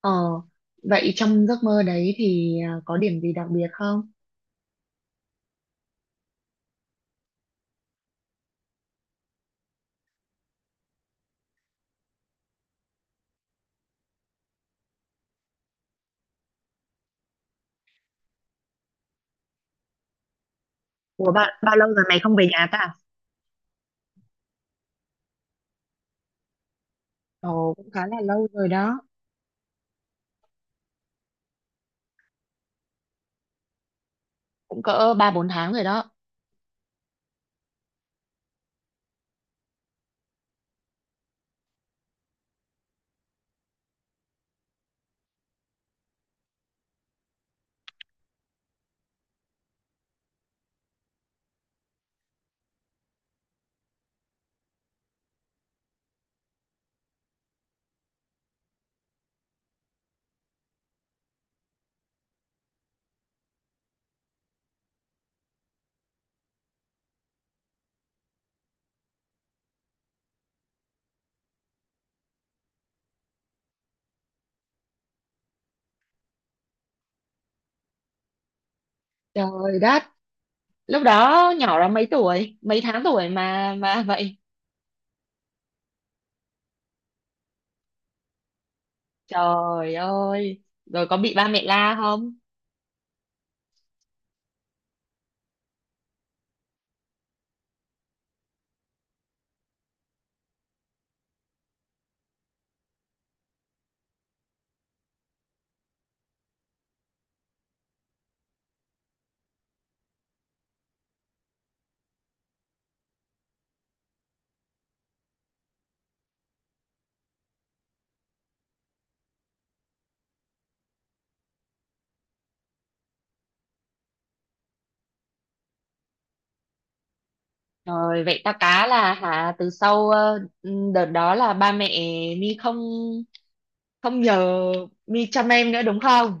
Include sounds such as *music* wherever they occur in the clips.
Ờ, vậy trong giấc mơ đấy thì có điểm gì đặc biệt không? Ủa bạn, bao lâu rồi mày không về nhà ta? Ồ, cũng khá là lâu rồi đó, cũng cỡ ba bốn tháng rồi đó. Trời đất, lúc đó nhỏ lắm, mấy tuổi, mấy tháng tuổi mà vậy? Trời ơi, rồi có bị ba mẹ la không? Rồi vậy ta cá là hả, từ sau đợt đó là ba mẹ mi không không nhờ mi chăm em nữa đúng không?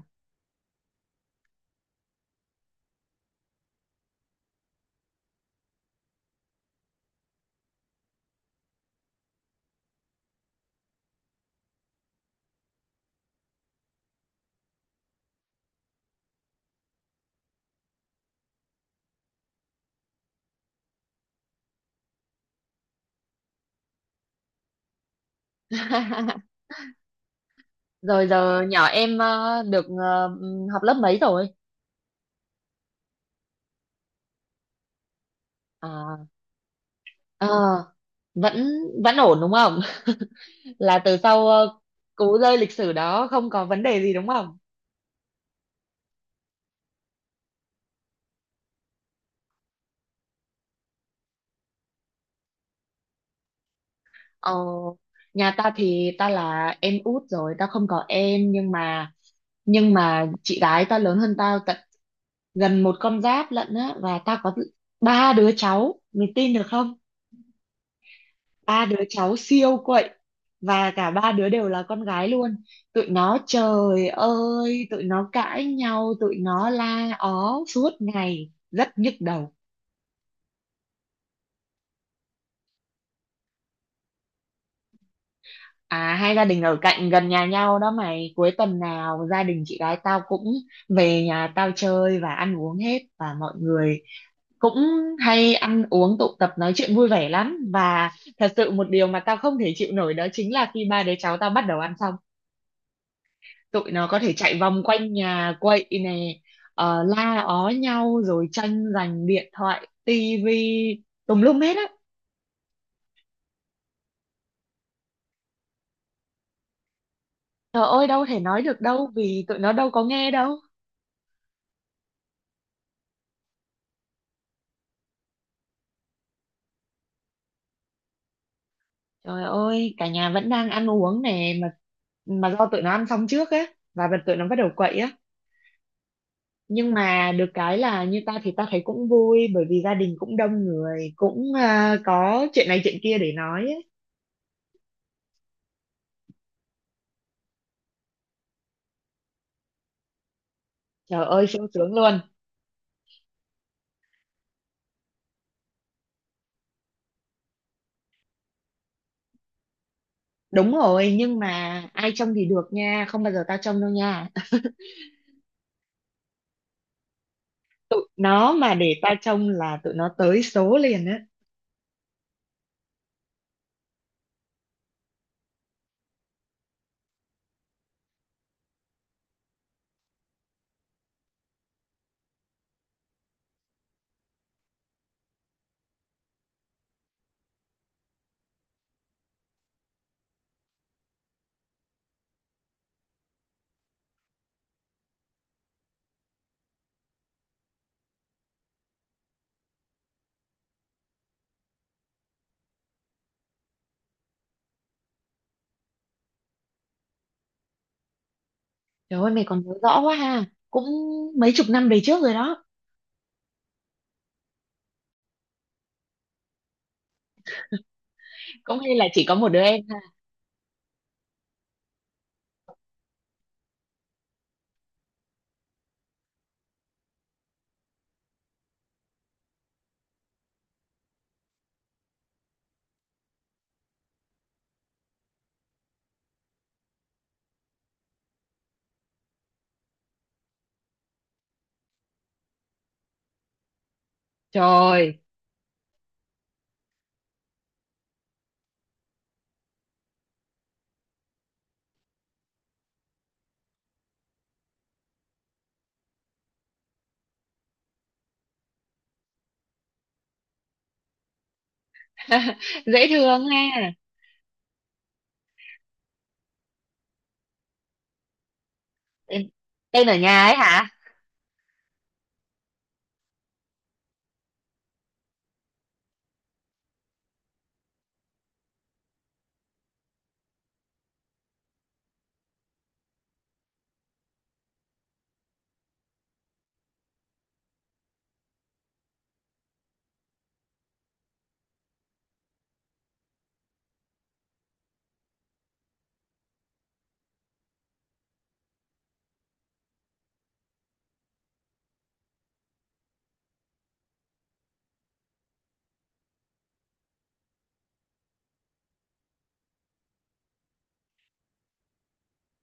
*laughs* Rồi giờ nhỏ em được học lớp mấy rồi? À, ờ, vẫn vẫn ổn đúng không? *laughs* Là từ sau cú rơi lịch sử đó không có vấn đề gì đúng không? Ờ, nhà ta thì ta là em út rồi, ta không có em, nhưng mà chị gái ta lớn hơn tao tận gần một con giáp lận á, và ta có ba đứa cháu, mình tin được không? Ba đứa cháu siêu quậy, và cả ba đứa đều là con gái luôn. Tụi nó, trời ơi, tụi nó cãi nhau, tụi nó la ó suốt ngày, rất nhức đầu. À, hai gia đình ở cạnh gần nhà nhau đó mày, cuối tuần nào gia đình chị gái tao cũng về nhà tao chơi và ăn uống hết, và mọi người cũng hay ăn uống, tụ tập, nói chuyện vui vẻ lắm. Và thật sự một điều mà tao không thể chịu nổi đó chính là khi ba đứa cháu tao bắt đầu ăn xong, tụi nó có thể chạy vòng quanh nhà quậy nè, la ó nhau, rồi tranh giành điện thoại, tivi tùm lum hết á. Trời ơi, đâu thể nói được đâu, vì tụi nó đâu có nghe đâu. Trời ơi, cả nhà vẫn đang ăn uống nè, mà do tụi nó ăn xong trước á, và bật tụi nó bắt đầu quậy á. Nhưng mà được cái là như ta thì ta thấy cũng vui, bởi vì gia đình cũng đông người, cũng có chuyện này chuyện kia để nói ấy. Trời ơi sung sướng luôn. Đúng rồi, nhưng mà ai trông thì được nha, không bao giờ tao trông đâu nha. Tụi nó mà để tao trông là tụi nó tới số liền á. Trời ơi, mày còn nhớ rõ quá ha. Cũng mấy chục năm về trước rồi đó. Cũng hay là chỉ có một đứa em ha. Trời, *laughs* dễ thương ha. Tên, tên ở nhà ấy hả?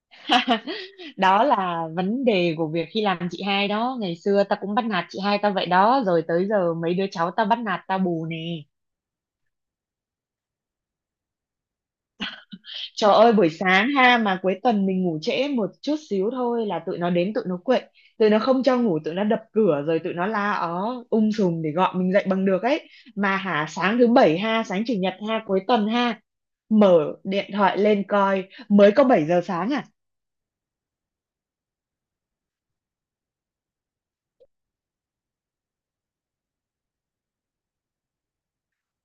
*laughs* Đó là vấn đề của việc khi làm chị hai đó. Ngày xưa tao cũng bắt nạt chị hai tao vậy đó. Rồi tới giờ mấy đứa cháu tao bắt nạt tao bù nè. Trời ơi buổi sáng ha, mà cuối tuần mình ngủ trễ một chút xíu thôi là tụi nó đến tụi nó quậy, tụi nó không cho ngủ, tụi nó đập cửa rồi tụi nó la ó sùm để gọi mình dậy bằng được ấy. Mà hả sáng thứ bảy ha, sáng chủ nhật ha, cuối tuần ha, mở điện thoại lên coi mới có 7 giờ sáng à.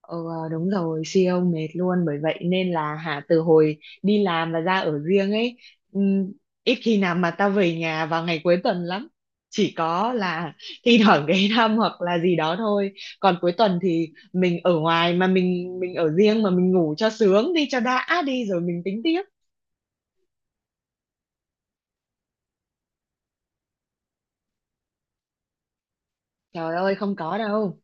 Ờ đúng rồi, siêu mệt luôn, bởi vậy nên là hả từ hồi đi làm và ra ở riêng ấy, ừm, ít khi nào mà tao về nhà vào ngày cuối tuần lắm. Chỉ có là *laughs* thi thoảng ghé thăm hoặc là gì đó thôi. Còn cuối tuần thì mình ở ngoài, mà mình ở riêng, mà mình ngủ cho sướng đi, cho đã đi, rồi mình tính tiếp. Trời ơi không có đâu.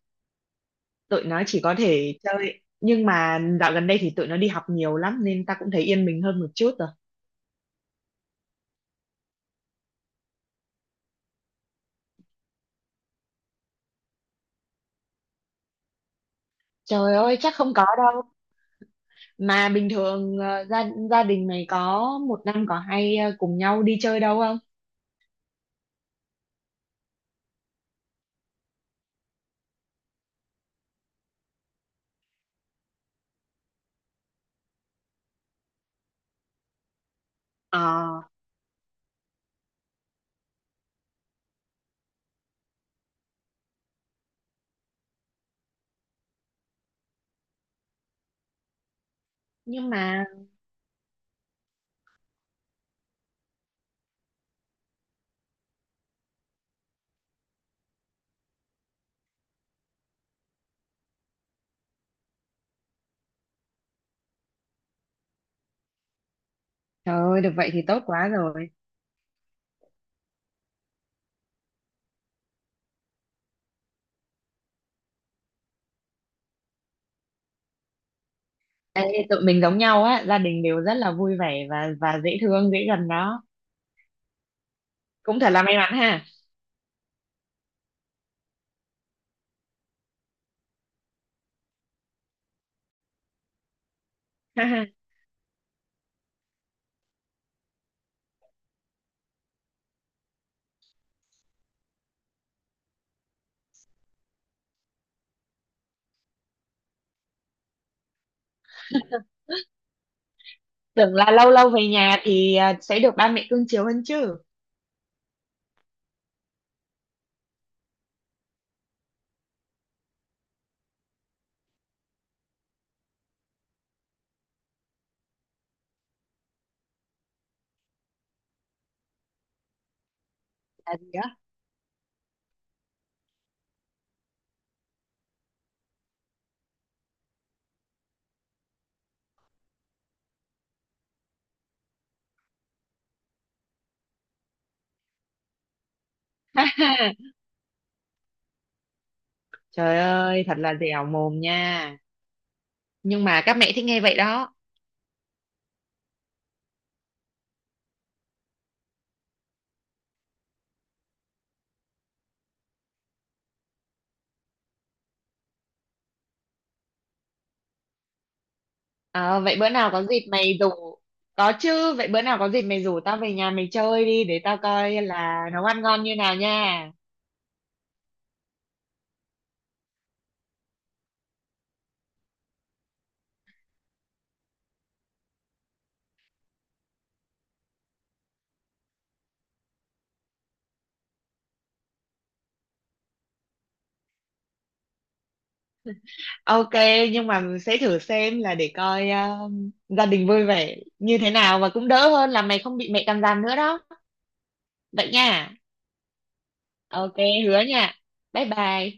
Tụi nó chỉ có thể chơi, nhưng mà dạo gần đây thì tụi nó đi học nhiều lắm, nên ta cũng thấy yên mình hơn một chút rồi. Trời ơi chắc không có đâu. Mà bình thường gia gia đình mày có một năm có hay cùng nhau đi chơi đâu không? Ờ, nhưng mà trời ơi, được vậy thì tốt quá rồi. Ê, tụi mình giống nhau á, gia đình đều rất là vui vẻ, và dễ thương, dễ gần đó. Cũng thật là may mắn ha. *laughs* Tưởng là lâu lâu về nhà thì sẽ được ba mẹ cưng chiều hơn chứ. Là gì đó. *laughs* Trời ơi, thật là dẻo mồm nha. Nhưng mà các mẹ thích nghe vậy đó. À, vậy bữa nào có dịp mày rủ Có chứ, vậy bữa nào có dịp mày rủ tao về nhà mày chơi đi để tao coi là nấu ăn ngon như nào nha. OK, nhưng mà sẽ thử xem là để coi gia đình vui vẻ như thế nào, và cũng đỡ hơn là mày không bị mẹ cằn nhằn nữa đó. Vậy nha. OK, hứa nha. Bye bye.